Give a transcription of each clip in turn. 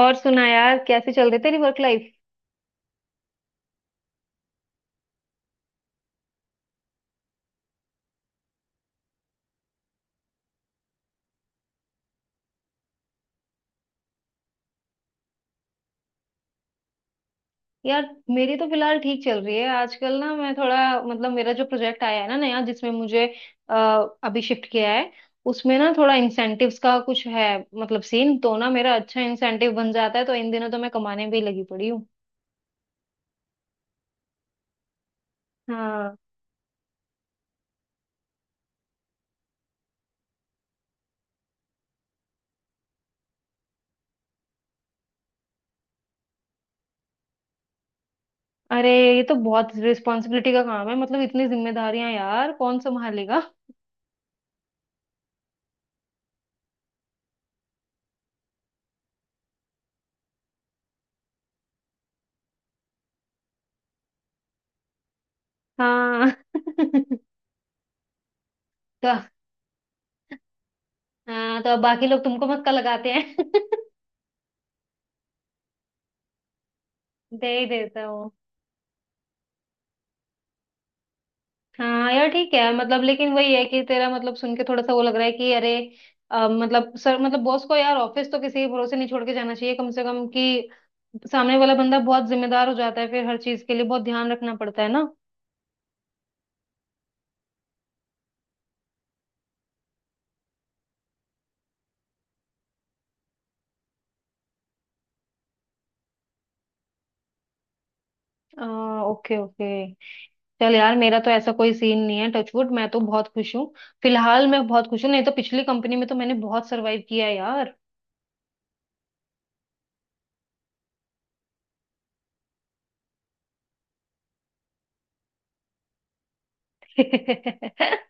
और सुना यार, कैसे चल रही है तेरी वर्क लाइफ? यार मेरी तो फिलहाल ठीक चल रही है। आजकल ना मैं थोड़ा मतलब मेरा जो प्रोजेक्ट आया है ना नया, जिसमें मुझे अ, अभी शिफ्ट किया है, उसमें ना थोड़ा इंसेंटिव्स का कुछ है। मतलब सीन तो ना मेरा अच्छा इंसेंटिव बन जाता है, तो इन दिनों तो मैं कमाने भी लगी पड़ी हूँ। हाँ, अरे ये तो बहुत रिस्पॉन्सिबिलिटी का काम है। मतलब इतनी जिम्मेदारियां यार कौन संभालेगा? हाँ। तो हाँ, तो अब बाकी लोग तुमको मक्का लगाते हैं। दे ही देता हूँ। हाँ यार ठीक है, मतलब लेकिन वही है कि तेरा मतलब सुन के थोड़ा सा वो लग रहा है कि अरे मतलब सर मतलब बॉस को यार ऑफिस तो किसी के भरोसे नहीं छोड़ के जाना चाहिए कम से कम, कि सामने वाला बंदा बहुत जिम्मेदार हो जाता है, फिर हर चीज के लिए बहुत ध्यान रखना पड़ता है ना। ओके ओके, चल यार, मेरा तो ऐसा कोई सीन नहीं है। टचवुड, मैं तो बहुत खुश हूँ। फिलहाल मैं बहुत खुश हूँ, नहीं तो पिछली कंपनी में तो मैंने बहुत सरवाइव किया है यार।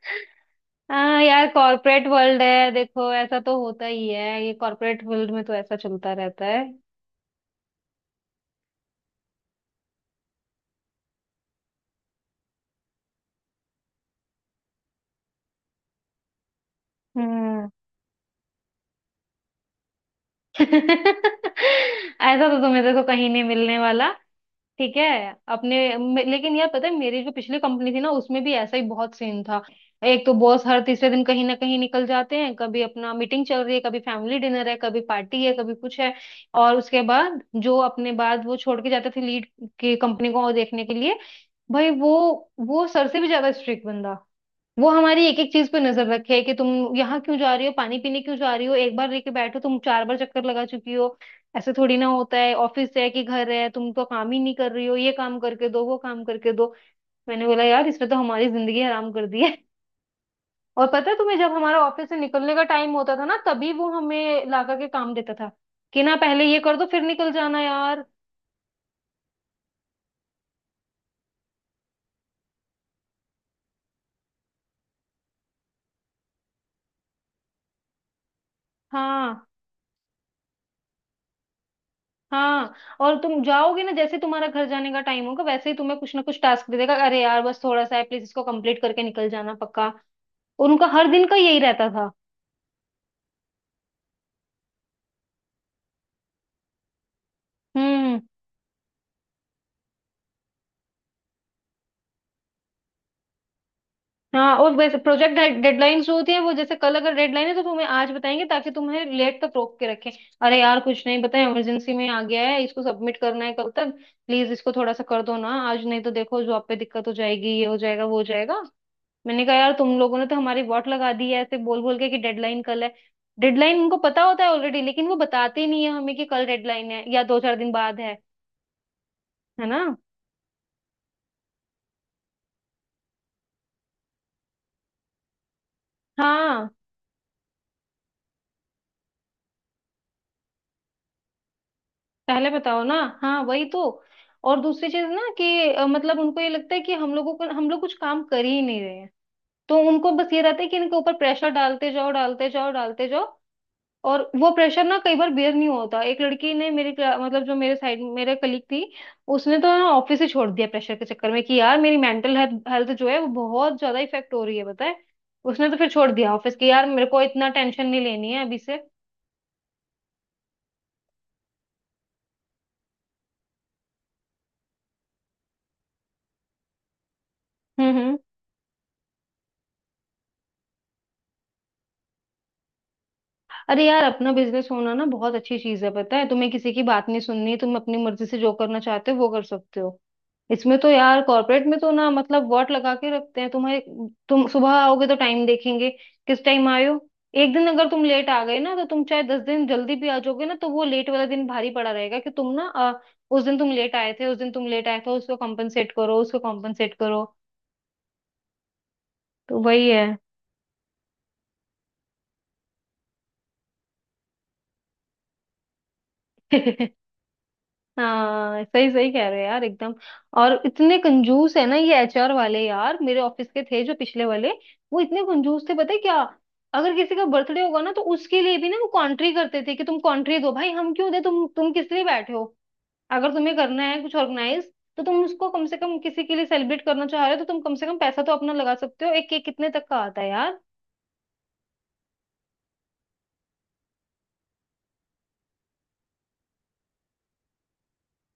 हाँ यार, कॉर्पोरेट वर्ल्ड है, देखो ऐसा तो होता ही है। ये कॉर्पोरेट वर्ल्ड में तो ऐसा चलता रहता है। हम्म। ऐसा तो तुम्हें देखो कहीं नहीं मिलने वाला। ठीक है, लेकिन यार पता है, मेरी जो पिछली कंपनी थी ना, उसमें भी ऐसा ही बहुत सीन था। एक तो बॉस हर तीसरे दिन कहीं ना कहीं निकल जाते हैं। कभी अपना मीटिंग चल रही है, कभी फैमिली डिनर है, कभी पार्टी है, कभी कुछ है। और उसके बाद जो अपने बाद वो छोड़ के जाते थे लीड, की कंपनी को देखने के लिए, भाई वो सर से भी ज्यादा स्ट्रिक्ट बंदा। वो हमारी एक एक चीज पे नजर रखे कि तुम यहाँ क्यों जा रही हो, पानी पीने क्यों जा रही हो, एक बार लेके बैठो, तुम चार बार चक्कर लगा चुकी हो। ऐसे थोड़ी ना होता है। ऑफिस है कि घर है? तुम तो काम ही नहीं कर रही हो, ये काम करके दो, वो काम करके दो। मैंने बोला यार इसने तो हमारी जिंदगी हराम कर दी है। और पता है तुम्हें, जब हमारा ऑफिस से निकलने का टाइम होता था ना, तभी वो हमें लाकर के काम देता था कि ना पहले ये कर दो फिर निकल जाना यार। हाँ। हाँ, और तुम जाओगे ना, जैसे तुम्हारा घर जाने का टाइम होगा, वैसे ही तुम्हें कुछ ना कुछ टास्क दे देगा, अरे यार बस थोड़ा सा है प्लीज, इसको कंप्लीट करके निकल जाना पक्का। और उनका हर दिन का यही रहता था। हम्म। हाँ, और वैसे प्रोजेक्ट डेडलाइंस जो होती है वो, जैसे कल अगर डेडलाइन है तो तुम्हें आज बताएंगे, ताकि तुम्हें लेट तक रोक के रखें। अरे यार कुछ नहीं, बताए इमरजेंसी में आ गया है, इसको सबमिट करना है कल तक, प्लीज इसको थोड़ा सा कर दो ना, आज नहीं तो देखो जॉब पे दिक्कत हो जाएगी, ये हो जाएगा, वो हो जाएगा। मैंने कहा यार तुम लोगों ने तो हमारी वॉट लगा दी है ऐसे बोल बोल के कि डेडलाइन कल है। डेडलाइन उनको पता होता है ऑलरेडी, लेकिन वो बताते नहीं है हमें कि कल डेडलाइन है या दो चार दिन बाद है। है ना। हाँ, पहले बताओ ना। हाँ वही तो। और दूसरी चीज ना कि मतलब उनको ये लगता है कि हम लोगों को, हम लोग कुछ काम कर ही नहीं रहे हैं, तो उनको बस ये रहता है कि इनके ऊपर प्रेशर डालते जाओ, डालते जाओ, डालते जाओ। और वो प्रेशर ना कई बार बेयर नहीं होता, एक लड़की ने मतलब जो मेरे साइड मेरे कलीग थी, उसने तो ना ऑफिस ही छोड़ दिया प्रेशर के चक्कर में कि यार मेरी मेंटल हेल्थ जो है वो बहुत ज्यादा इफेक्ट हो रही है, बताए। उसने तो फिर छोड़ दिया ऑफिस, की यार मेरे को इतना टेंशन नहीं लेनी है अभी से। हम्म। हम्म। अरे यार अपना बिजनेस होना ना बहुत अच्छी चीज है, पता है तुम्हें? किसी की बात नहीं सुननी, तुम अपनी मर्जी से जो करना चाहते हो वो कर सकते हो। इसमें तो यार, कॉर्पोरेट में तो ना मतलब वॉट लगा के रखते हैं तुम्हारे। तुम सुबह आओगे तो टाइम देखेंगे, किस टाइम आए हो। एक दिन अगर तुम लेट आ गए ना, तो तुम चाहे दस दिन जल्दी भी आ जाओगे ना, तो वो लेट वाला दिन भारी पड़ा रहेगा कि तुम ना उस दिन तुम लेट आए थे, उस दिन तुम लेट आए थे, उसको कॉम्पनसेट करो, उसको कॉम्पनसेट करो। तो वही है। हाँ सही सही कह रहे हो यार एकदम। और इतने कंजूस है ना ये एचआर वाले यार, मेरे ऑफिस के थे जो पिछले वाले, वो इतने कंजूस थे पता है क्या, अगर किसी का बर्थडे होगा ना तो उसके लिए भी ना वो कॉन्ट्री करते थे कि तुम कॉन्ट्री दो। भाई हम क्यों दे, तुम किस लिए बैठे हो? अगर तुम्हें करना है कुछ ऑर्गेनाइज, तो तुम उसको कम से कम किसी के लिए सेलिब्रेट करना चाह रहे हो तो तुम कम से कम पैसा तो अपना लगा सकते हो। एक केक कितने तक का आता है यार?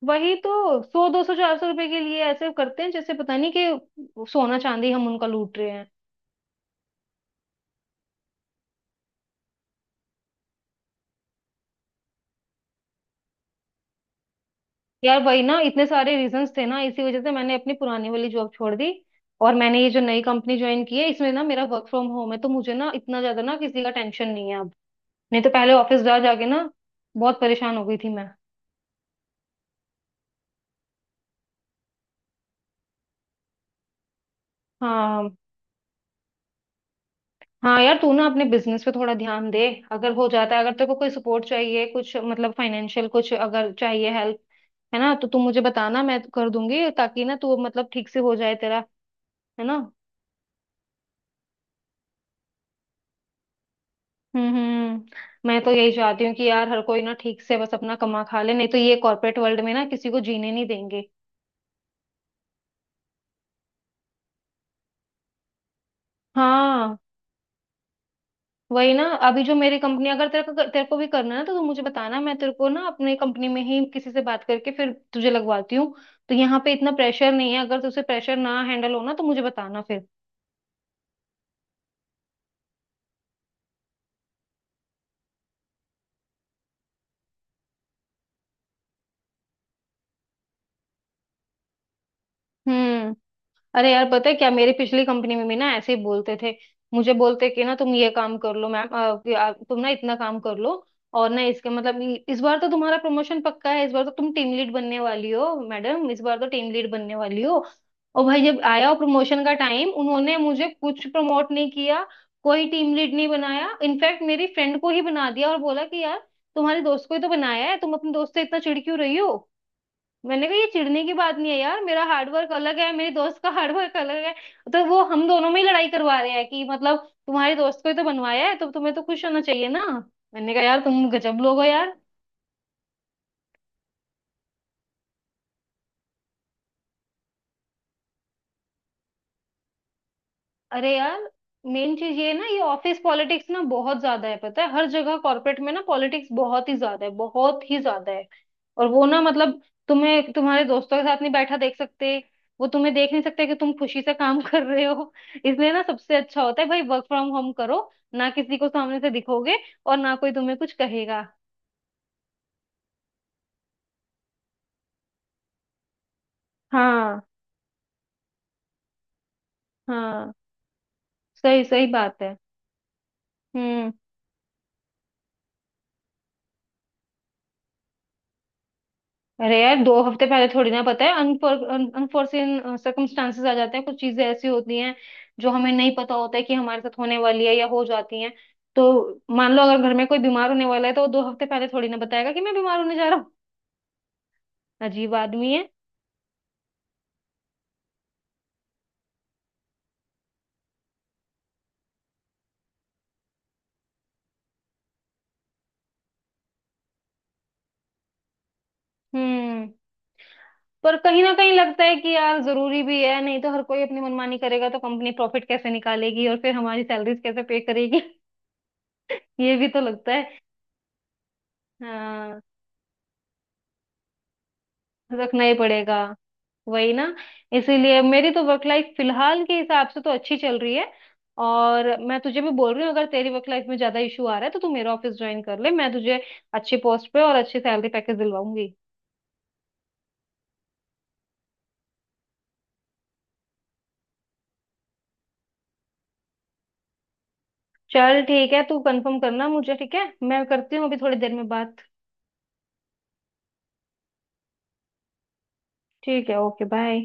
वही तो, सौ दो सौ चार सौ रुपए के लिए ऐसे करते हैं जैसे पता नहीं कि सोना चांदी हम उनका लूट रहे हैं। यार वही ना, इतने सारे रीजंस थे ना, इसी वजह से मैंने अपनी पुरानी वाली जॉब छोड़ दी। और मैंने ये जो नई कंपनी ज्वाइन की है, इसमें ना मेरा वर्क फ्रॉम होम है, तो मुझे ना इतना ज्यादा ना किसी का टेंशन नहीं है अब। नहीं तो पहले ऑफिस जा जाके ना बहुत परेशान हो गई थी मैं। हाँ। हाँ यार, तू ना अपने बिजनेस पे थोड़ा ध्यान दे। अगर हो जाता है, अगर तेरे को कोई सपोर्ट चाहिए कुछ, मतलब फाइनेंशियल कुछ अगर चाहिए हेल्प, है ना, तो तू मुझे बताना, मैं कर दूंगी, ताकि ना तू मतलब ठीक से हो जाए तेरा, है ना। हम्म। हम्म। मैं तो यही चाहती हूँ कि यार हर कोई ना ठीक से बस अपना कमा खा ले, नहीं तो ये कॉर्पोरेट वर्ल्ड में ना किसी को जीने नहीं देंगे। हाँ, वही ना, अभी जो मेरी कंपनी, अगर तेरे को भी करना है ना, तो तू मुझे बताना, मैं तेरे को ना अपने कंपनी में ही किसी से बात करके फिर तुझे लगवाती हूँ। तो यहाँ पे इतना प्रेशर नहीं है, अगर तुझे प्रेशर ना हैंडल हो ना तो मुझे बताना फिर। हम्म। अरे यार पता है क्या, मेरी पिछली कंपनी में भी ना ऐसे ही बोलते थे। मुझे बोलते कि ना तुम ये काम कर लो मैम, कि तुम ना इतना काम कर लो, और ना इसके मतलब इस बार तो तुम्हारा प्रमोशन पक्का है, इस बार तो तुम टीम लीड बनने वाली हो मैडम, इस बार तो टीम लीड बनने वाली हो। और भाई जब आया प्रमोशन का टाइम, उन्होंने मुझे कुछ प्रमोट नहीं किया, कोई टीम लीड नहीं बनाया। इनफैक्ट मेरी फ्रेंड को ही बना दिया, और बोला कि यार तुम्हारे दोस्त को ही तो बनाया है, तुम अपने दोस्त से इतना चिढ़ क्यों रही हो? मैंने कहा ये चिढ़ने की बात नहीं है यार, मेरा हार्डवर्क अलग है, मेरे दोस्त का हार्डवर्क अलग है। तो वो हम दोनों में ही लड़ाई करवा रहे हैं कि मतलब तुम्हारे दोस्त को ही तो बनवाया है, तो तुम्हें तो खुश होना चाहिए ना। मैंने कहा यार तुम गजब लोग हो यार। अरे यार, मेन चीज ये है ना, ये ऑफिस पॉलिटिक्स ना बहुत ज्यादा है, पता है, हर जगह कॉर्पोरेट में ना पॉलिटिक्स बहुत ही ज्यादा है, बहुत ही ज्यादा है। और वो ना मतलब तुम्हें तुम्हारे दोस्तों के साथ नहीं बैठा देख सकते, वो तुम्हें देख नहीं सकते कि तुम खुशी से काम कर रहे हो। इसलिए ना सबसे अच्छा होता है भाई, वर्क फ्रॉम होम करो, ना किसी को सामने से दिखोगे और ना कोई तुम्हें कुछ कहेगा। हाँ। हाँ सही सही बात है। हम्म। अरे यार, दो हफ्ते पहले थोड़ी ना पता है, अनफॉर्चुन सर्कमस्टांसेस आ जाते हैं, कुछ चीजें ऐसी होती हैं जो हमें नहीं पता होता है कि हमारे साथ होने वाली है या हो जाती हैं। तो मान लो अगर घर में कोई बीमार होने वाला है, तो वो दो हफ्ते पहले थोड़ी ना बताएगा कि मैं बीमार होने जा रहा हूँ। अजीब आदमी है। हम्म। पर कहीं ना कहीं लगता है कि यार जरूरी भी है, नहीं तो हर कोई अपनी मनमानी करेगा, तो कंपनी प्रॉफिट कैसे निकालेगी और फिर हमारी सैलरीज कैसे पे करेगी? ये भी तो लगता है। हाँ, रखना ही पड़ेगा, वही ना। इसीलिए मेरी तो वर्क लाइफ फिलहाल के हिसाब से तो अच्छी चल रही है। और मैं तुझे भी बोल रही हूँ, अगर तेरी वर्क लाइफ में ज्यादा इशू आ रहा है तो तू मेरा ऑफिस ज्वाइन कर ले, मैं तुझे अच्छे पोस्ट पे और अच्छे सैलरी पैकेज दिलवाऊंगी। चल ठीक है, तू कंफर्म करना मुझे, ठीक है? मैं करती हूँ अभी थोड़ी देर में बात। ठीक है, ओके, बाय।